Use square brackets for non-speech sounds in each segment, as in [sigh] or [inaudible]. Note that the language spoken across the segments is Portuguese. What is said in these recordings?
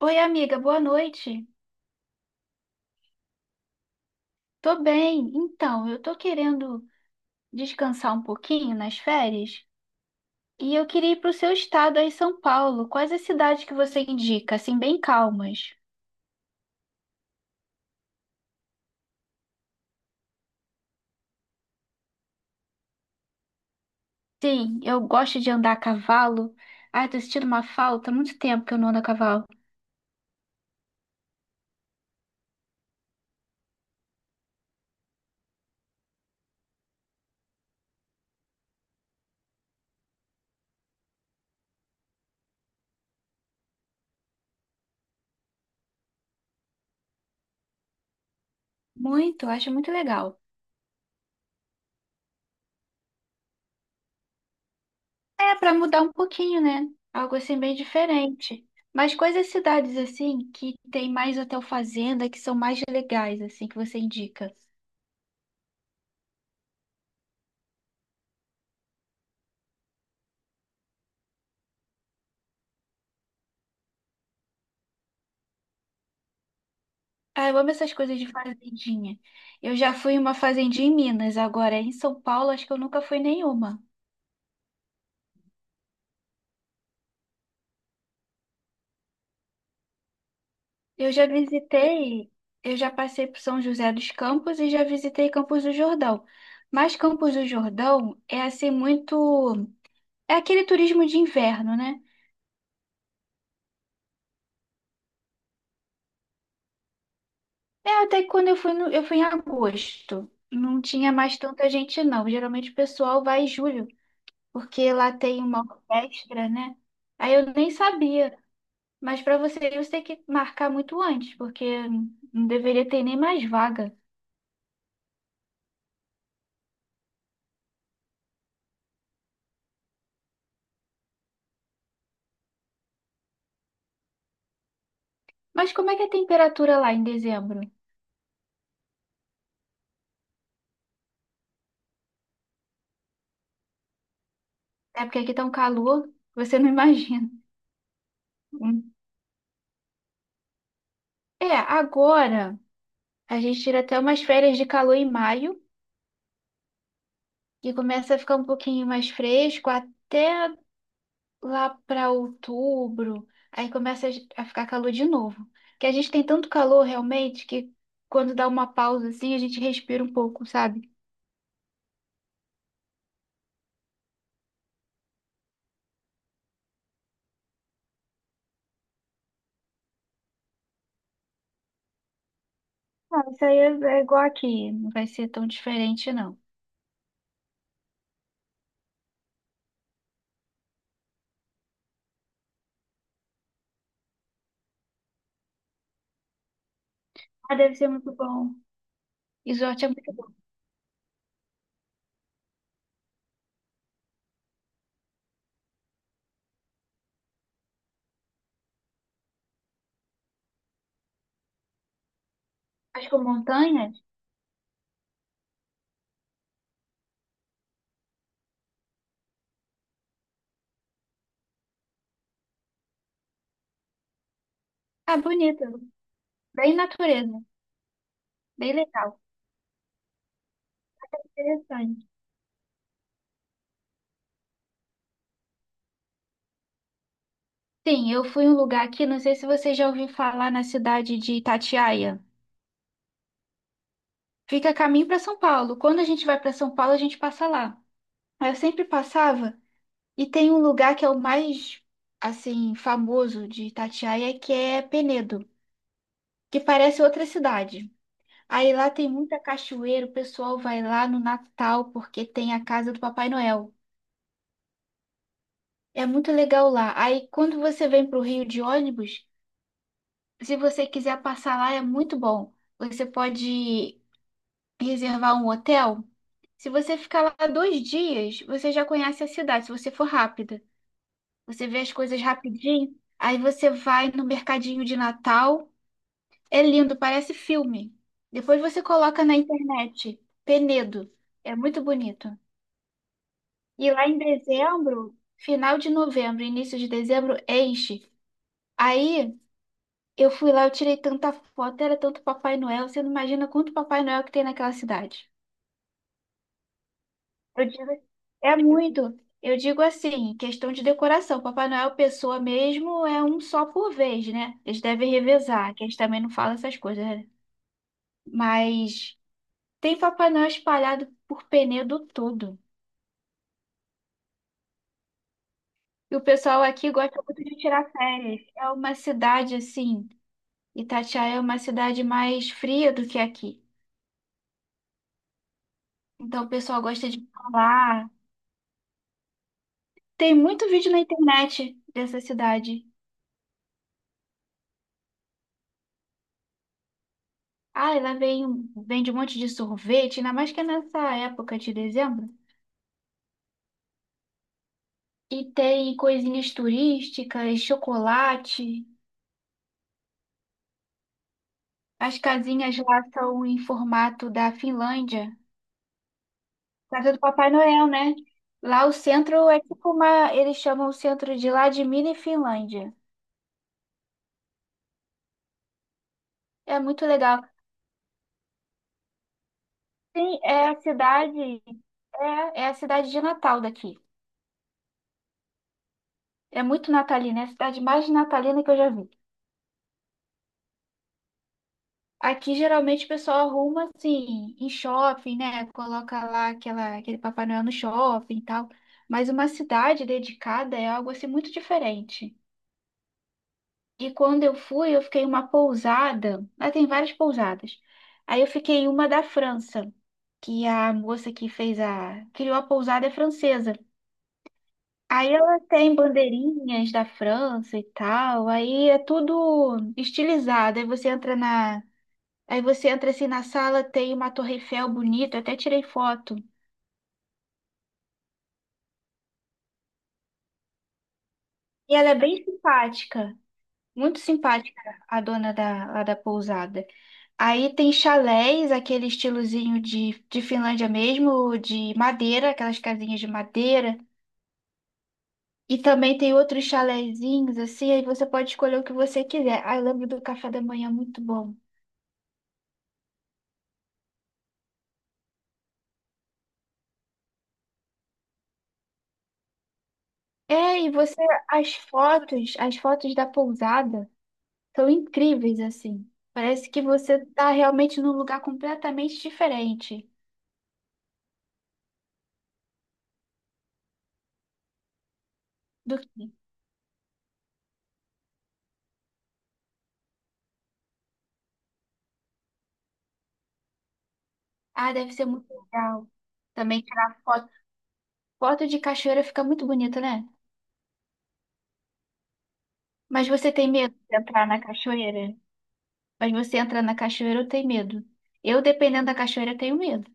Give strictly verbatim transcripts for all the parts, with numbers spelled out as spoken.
Oi, amiga, boa noite. Tô bem. Então, eu tô querendo descansar um pouquinho nas férias e eu queria ir pro seu estado aí, São Paulo. Quais as cidades que você indica, assim, bem calmas? Sim, eu gosto de andar a cavalo. Ai, tô sentindo uma falta, há muito tempo que eu não ando a cavalo. Muito, eu acho muito legal. É, pra mudar um pouquinho, né? Algo assim bem diferente. Mas quais as cidades assim que tem mais hotel fazenda, que são mais legais assim que você indica? Ah, eu amo essas coisas de fazendinha. Eu já fui em uma fazendinha em Minas, agora em São Paulo acho que eu nunca fui nenhuma. Eu já visitei, eu já passei por São José dos Campos e já visitei Campos do Jordão. Mas Campos do Jordão é assim muito, é aquele turismo de inverno, né? É até que quando eu fui no- eu fui em agosto, não tinha mais tanta gente não. Geralmente o pessoal vai em julho, porque lá tem uma orquestra, né? Aí eu nem sabia. Mas para você ir, você tem que marcar muito antes, porque não deveria ter nem mais vaga. Mas como é que é a temperatura lá em dezembro? É porque aqui tá um calor, você não [laughs] imagina. Hum. É, agora a gente tira até umas férias de calor em maio, que começa a ficar um pouquinho mais fresco até lá para outubro. Aí começa a ficar calor de novo. Que a gente tem tanto calor realmente que quando dá uma pausa assim, a gente respira um pouco, sabe? Ah, isso aí é é igual aqui, não vai ser tão diferente, não. Ah, deve ser muito bom. Resort é muito bom. As com montanhas? Ah, bonito. Bem natureza. Bem legal. Interessante. Sim, eu fui em um lugar aqui, não sei se você já ouviu falar na cidade de Itatiaia. Fica a caminho para São Paulo. Quando a gente vai para São Paulo, a gente passa lá. Aí eu sempre passava e tem um lugar que é o mais, assim, famoso de Itatiaia, que é Penedo, que parece outra cidade. Aí lá tem muita cachoeira, o pessoal vai lá no Natal porque tem a casa do Papai Noel. É muito legal lá. Aí quando você vem para o Rio de ônibus, se você quiser passar lá, é muito bom. Você pode reservar um hotel. Se você ficar lá dois dias, você já conhece a cidade, se você for rápida. Você vê as coisas rapidinho, aí você vai no mercadinho de Natal. É lindo, parece filme. Depois você coloca na internet, Penedo. É muito bonito. E lá em dezembro, final de novembro, início de dezembro, enche. Aí eu fui lá, eu tirei tanta foto, era tanto Papai Noel, você não imagina quanto Papai Noel que tem naquela cidade. Eu digo, é muito. Eu digo assim, questão de decoração. Papai Noel, pessoa mesmo, é um só por vez, né? Eles devem revezar, que a gente também não fala essas coisas, né? Mas tem Papai Noel espalhado por Penedo todo. E o pessoal aqui gosta muito de tirar férias. É uma cidade assim. Itatiaia é uma cidade mais fria do que aqui. Então o pessoal gosta de falar. Tem muito vídeo na internet dessa cidade. Ah, ela vem, vende um monte de sorvete, ainda mais que é nessa época de dezembro. E tem coisinhas turísticas, chocolate. As casinhas lá são em formato da Finlândia. Casa do Papai Noel, né? Lá o centro é tipo uma. Eles chamam o centro de lá de Mini Finlândia. É muito legal. Sim, é a cidade, é, é a cidade de Natal daqui. É muito natalina, é a cidade mais natalina que eu já vi. Aqui geralmente o pessoal arruma assim, em shopping, né? Coloca lá aquela, aquele Papai Noel no shopping e tal. Mas uma cidade dedicada é algo assim muito diferente. E quando eu fui, eu fiquei em uma pousada. Lá tem várias pousadas. Aí eu fiquei em uma da França, que a moça que fez a, criou a pousada é francesa. Aí ela tem bandeirinhas da França e tal, aí é tudo estilizado. Aí você entra na, aí você entra assim na sala, tem uma Torre Eiffel bonita, até tirei foto. E ela é bem simpática, muito simpática a dona da, lá da pousada. Aí tem chalés, aquele estilozinho de, de Finlândia mesmo, de madeira, aquelas casinhas de madeira. E também tem outros chalézinhos assim, aí você pode escolher o que você quiser. Aí eu lembro do café da manhã muito bom. É, e você, as fotos, as fotos da pousada são incríveis, assim. Parece que você tá realmente num lugar completamente diferente do que. Ah, deve ser muito legal. Também tirar foto. Foto de cachoeira fica muito bonita, né? Mas você tem medo de entrar na cachoeira? Mas você entra na cachoeira, eu tenho medo. Eu, dependendo da cachoeira, eu tenho medo.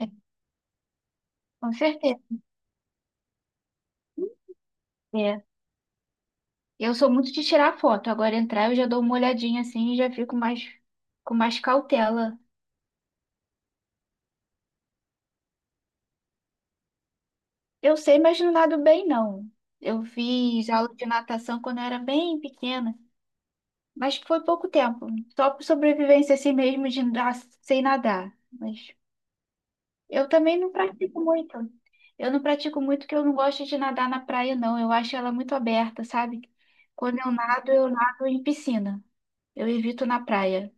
É, com certeza. É. Eu sou muito de tirar foto. Agora entrar, eu já dou uma olhadinha assim e já fico mais com mais cautela. Eu sei, mas não nado bem, não. Eu fiz aula de natação quando eu era bem pequena, mas foi pouco tempo, só por sobrevivência assim mesmo de nadar sem nadar. Mas eu também não pratico muito. Eu não pratico muito porque eu não gosto de nadar na praia, não. Eu acho ela muito aberta, sabe? Quando eu nado, eu nado em piscina. Eu evito na praia.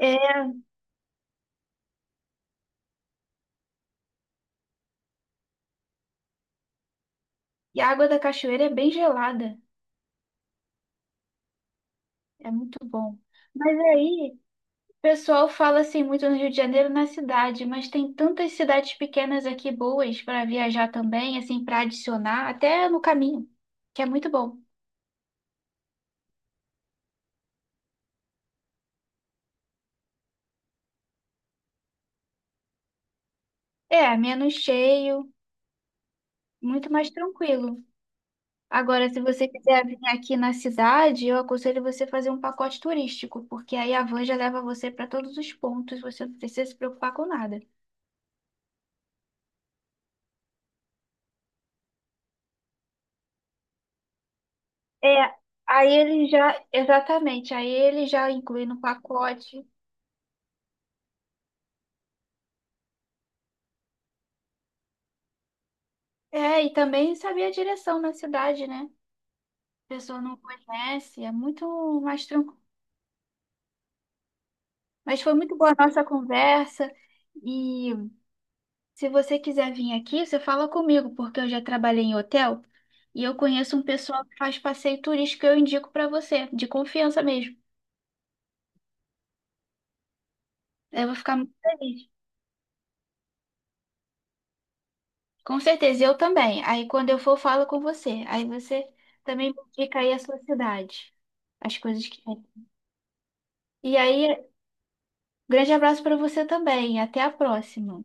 É, e a água da cachoeira é bem gelada, é muito bom. Mas aí o pessoal fala assim muito no Rio de Janeiro na cidade, mas tem tantas cidades pequenas aqui boas para viajar também, assim, para adicionar, até no caminho, que é muito bom. É, menos cheio, muito mais tranquilo. Agora, se você quiser vir aqui na cidade, eu aconselho você fazer um pacote turístico, porque aí a van já leva você para todos os pontos, você não precisa se preocupar com nada. É, aí ele já, exatamente, aí ele já inclui no pacote. É, e também saber a direção na cidade, né? A pessoa não conhece, é muito mais tranquilo. Mas foi muito boa a nossa conversa. E se você quiser vir aqui, você fala comigo, porque eu já trabalhei em hotel e eu conheço um pessoal que faz passeio turístico que eu indico para você, de confiança mesmo. Eu vou ficar muito feliz. Com certeza, eu também. Aí quando eu for, eu falo com você. Aí você também me indica aí a sua cidade, as coisas que tem. E aí, grande abraço para você também. Até a próxima.